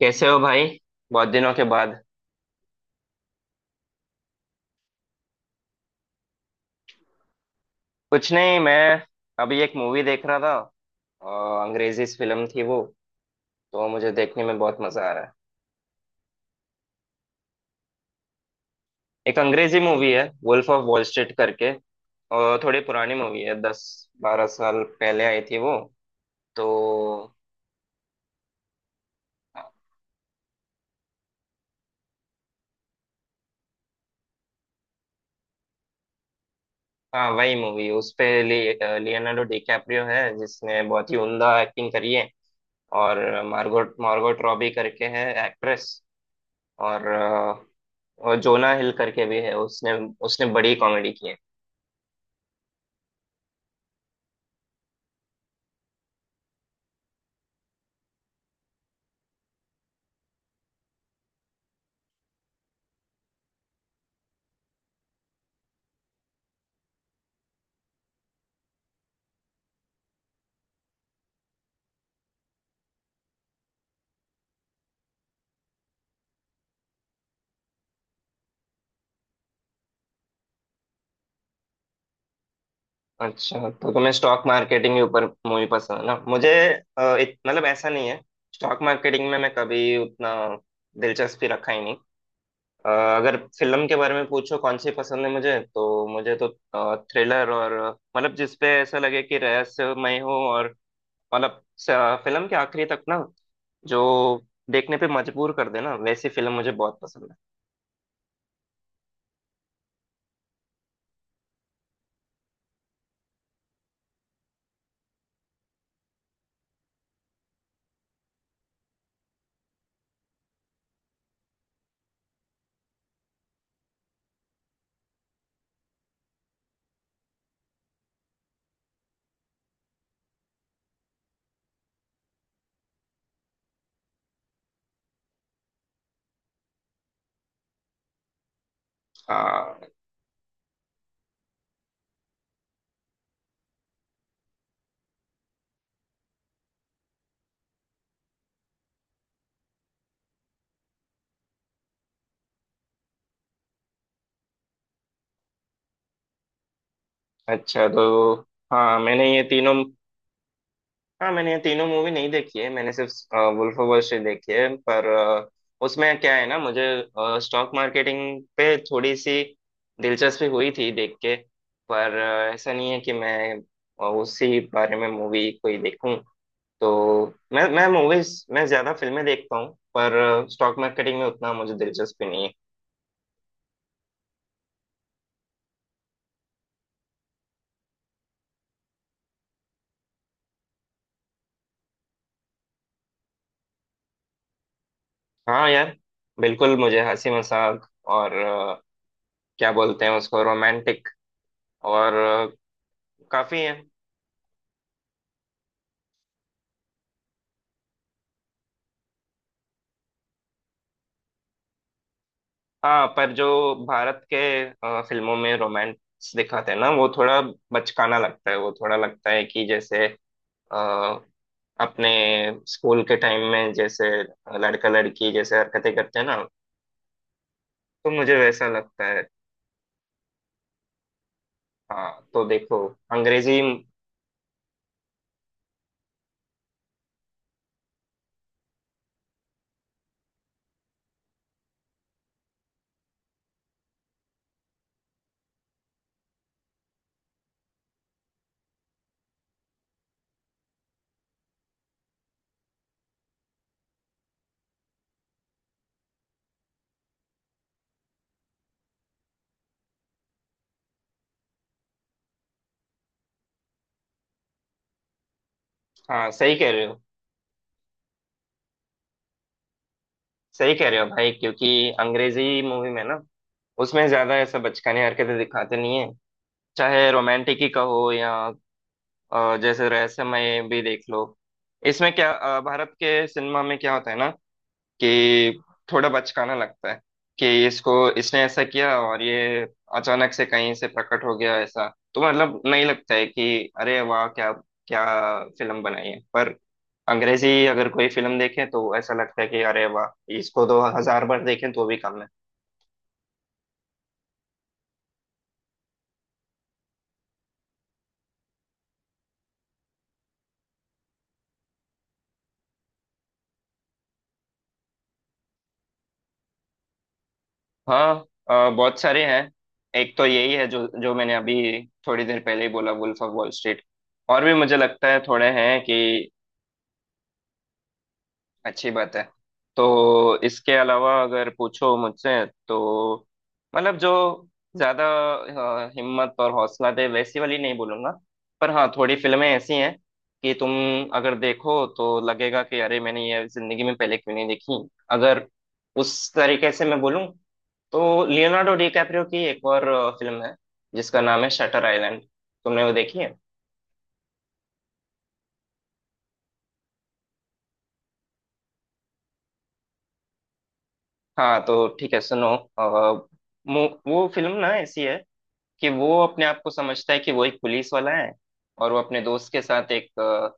कैसे हो भाई। बहुत दिनों के बाद। कुछ नहीं, मैं अभी एक मूवी देख रहा था। अंग्रेजी फिल्म थी वो, तो मुझे देखने में बहुत मजा आ रहा है। एक अंग्रेजी मूवी है, वुल्फ ऑफ वॉल स्ट्रीट करके। और थोड़ी पुरानी मूवी है, दस बारह साल पहले आई थी वो। तो हाँ, वही मूवी। लियोनार्डो डिकैप्रियो है, जिसने बहुत ही उम्दा एक्टिंग करी है। और मार्गोट मार्गोट रॉबी करके है एक्ट्रेस। और और जोना हिल करके भी है। उसने उसने बड़ी कॉमेडी की है। अच्छा, तो तुम्हें स्टॉक मार्केटिंग के ऊपर मूवी पसंद है ना। मुझे मतलब, ऐसा नहीं है। स्टॉक मार्केटिंग में मैं कभी उतना दिलचस्पी रखा ही नहीं। अ, अगर फिल्म के बारे में पूछो कौन सी पसंद है मुझे, तो मुझे तो थ्रिलर और मतलब जिसपे ऐसा लगे कि रहस्यमय हो, और मतलब, फिल्म के आखिरी तक ना, जो देखने पे मजबूर कर देना, वैसी फिल्म मुझे बहुत पसंद है। अच्छा तो, हाँ मैंने ये तीनों, हाँ मैंने ये तीनों मूवी नहीं देखी है। मैंने सिर्फ वुल्फ ऑफ वॉल स्ट्रीट देखी है। पर उसमें क्या है ना, मुझे स्टॉक मार्केटिंग पे थोड़ी सी दिलचस्पी हुई थी देख के। पर ऐसा नहीं है कि मैं उसी बारे में मूवी कोई देखूं। तो मैं ज्यादा फिल्में देखता हूँ, पर स्टॉक मार्केटिंग में उतना मुझे दिलचस्पी नहीं है। हाँ यार, बिल्कुल। मुझे हंसी मजाक और क्या बोलते हैं उसको, रोमांटिक और अ, काफी है। हाँ, पर जो भारत के फिल्मों में रोमांस दिखाते हैं ना, वो थोड़ा बचकाना लगता है। वो थोड़ा लगता है कि जैसे अ, अपने स्कूल के टाइम में जैसे लड़का लड़की जैसे हरकतें करते हैं ना, तो मुझे वैसा लगता है। हाँ तो देखो, अंग्रेजी। हाँ सही कह रहे हो सही कह रहे हो भाई, क्योंकि अंग्रेजी मूवी में ना, उसमें ज्यादा ऐसा बचकानी हरकतें दिखाते नहीं है। चाहे रोमांटिक ही कहो, या जैसे रहस्यमय भी देख लो। इसमें क्या, भारत के सिनेमा में क्या होता है ना, कि थोड़ा बचकाना लगता है। कि इसको इसने ऐसा किया, और ये अचानक से कहीं से प्रकट हो गया, ऐसा। तो मतलब नहीं लगता है कि अरे वाह, क्या क्या फिल्म बनाई है। पर अंग्रेजी अगर कोई फिल्म देखे, तो ऐसा लगता है कि अरे वाह, इसको तो हजार बार देखें तो भी कम है। हाँ, बहुत सारे हैं। एक तो यही है जो जो मैंने अभी थोड़ी देर पहले ही बोला, वुल्फ ऑफ वॉल स्ट्रीट। और भी मुझे लगता है थोड़े हैं कि अच्छी बात है। तो इसके अलावा अगर पूछो मुझसे, तो मतलब जो ज्यादा हिम्मत और हौसला दे, वैसी वाली नहीं बोलूंगा। पर हाँ, थोड़ी फिल्में ऐसी हैं कि तुम अगर देखो तो लगेगा कि अरे, मैंने ये जिंदगी में पहले क्यों नहीं देखी। अगर उस तरीके से मैं बोलूँ, तो लियोनार्डो डिकैप्रियो की एक और फिल्म है जिसका नाम है शटर आइलैंड। तुमने वो देखी है? हाँ तो ठीक है, सुनो। अ, वो फिल्म ना ऐसी है कि वो अपने आप को समझता है कि वो एक पुलिस वाला है। और वो अपने दोस्त के साथ एक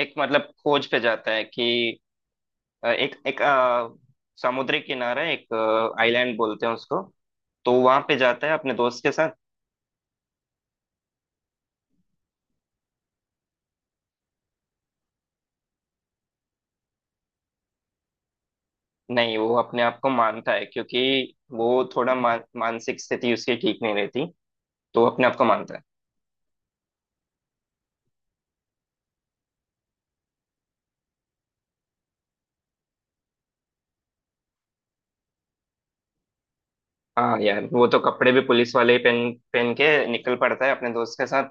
एक मतलब खोज पे जाता है कि अ, एक एक अ, समुद्री किनारा है, एक आइलैंड बोलते हैं उसको। तो वहां पे जाता है अपने दोस्त के साथ। नहीं, वो अपने आप को मानता है क्योंकि वो थोड़ा मानसिक स्थिति उसकी ठीक नहीं रहती। तो वो अपने आप को मानता है। हाँ यार, वो तो कपड़े भी पुलिस वाले ही पहन पहन के निकल पड़ता है अपने दोस्त के साथ।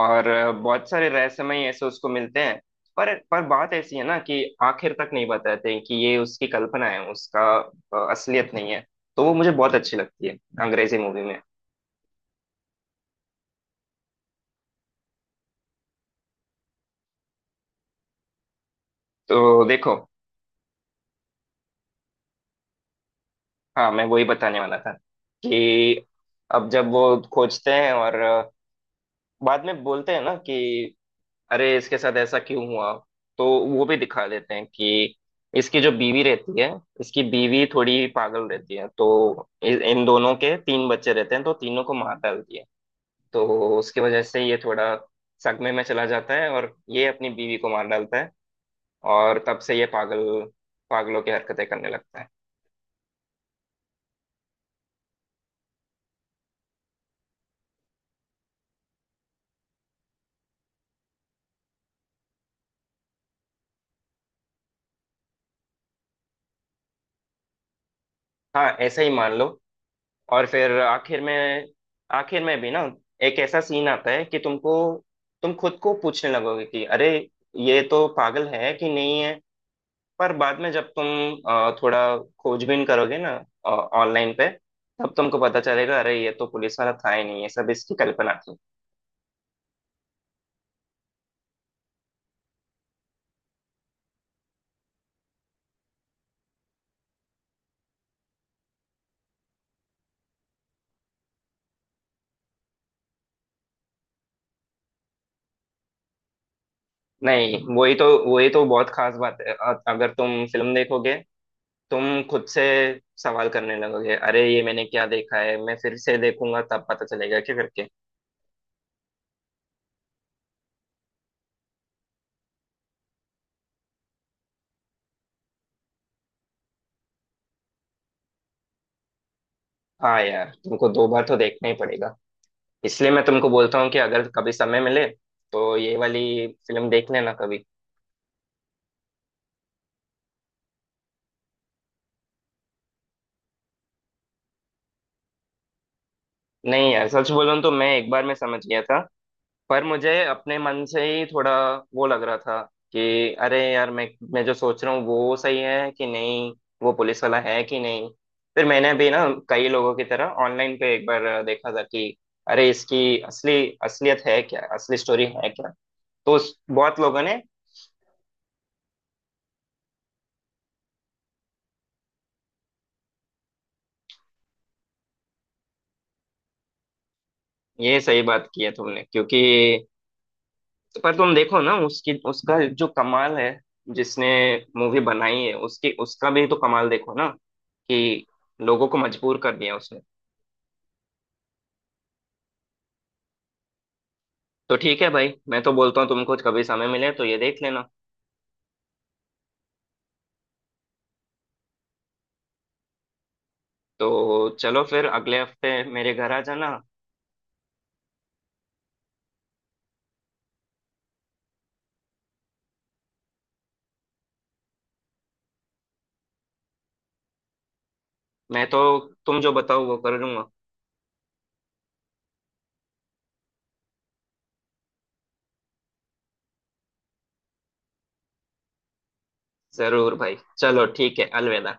और बहुत सारे रहस्यमय ऐसे उसको मिलते हैं। पर बात ऐसी है ना, कि आखिर तक नहीं बताते कि ये उसकी कल्पना है, उसका असलियत नहीं है। तो वो मुझे बहुत अच्छी लगती है अंग्रेजी मूवी में। तो देखो, हाँ मैं वही बताने वाला था कि अब जब वो खोजते हैं, और बाद में बोलते हैं ना कि अरे इसके साथ ऐसा क्यों हुआ, तो वो भी दिखा देते हैं कि इसकी जो बीवी रहती है, इसकी बीवी थोड़ी पागल रहती है। तो इन दोनों के तीन बच्चे रहते हैं, तो तीनों को मार डालती है। तो उसकी वजह से ये थोड़ा सदमे में चला जाता है, और ये अपनी बीवी को मार डालता है। और तब से ये पागल, पागलों की हरकतें करने लगता है। हाँ, ऐसा ही मान लो। और फिर आखिर में, आखिर में भी ना एक ऐसा सीन आता है कि तुमको, तुम खुद को पूछने लगोगे कि अरे, ये तो पागल है कि नहीं है। पर बाद में जब तुम थोड़ा खोजबीन करोगे ना ऑनलाइन पे, तब तुमको पता चलेगा अरे ये तो पुलिस वाला था ही नहीं, ये सब इसकी कल्पना थी। नहीं, वही तो बहुत खास बात है। अगर तुम फिल्म देखोगे, तुम खुद से सवाल करने लगोगे अरे ये मैंने क्या देखा है, मैं फिर से देखूंगा तब पता चलेगा क्या करके। हाँ यार, तुमको दो बार तो देखना ही पड़ेगा। इसलिए मैं तुमको बोलता हूँ कि अगर कभी समय मिले, तो ये वाली फिल्म देख लेना कभी। नहीं यार, सच बोलूँ तो मैं एक बार में समझ गया था। पर मुझे अपने मन से ही थोड़ा वो लग रहा था कि अरे यार, मैं जो सोच रहा हूँ वो सही है कि नहीं, वो पुलिस वाला है कि नहीं। फिर मैंने भी ना कई लोगों की तरह ऑनलाइन पे एक बार देखा था कि अरे इसकी असली असलियत है क्या, असली स्टोरी है क्या। बहुत लोगों ने ये सही बात की है तुमने, क्योंकि पर तुम देखो ना उसकी उसका जो कमाल है, जिसने मूवी बनाई है, उसकी उसका भी तो कमाल देखो ना, कि लोगों को मजबूर कर दिया उसने। तो ठीक है भाई, मैं तो बोलता हूँ तुमको कभी समय मिले तो ये देख लेना। तो चलो फिर अगले हफ्ते मेरे घर आ जाना। मैं तो तुम जो बताओ वो कर लूंगा। जरूर भाई, चलो ठीक है, अलविदा।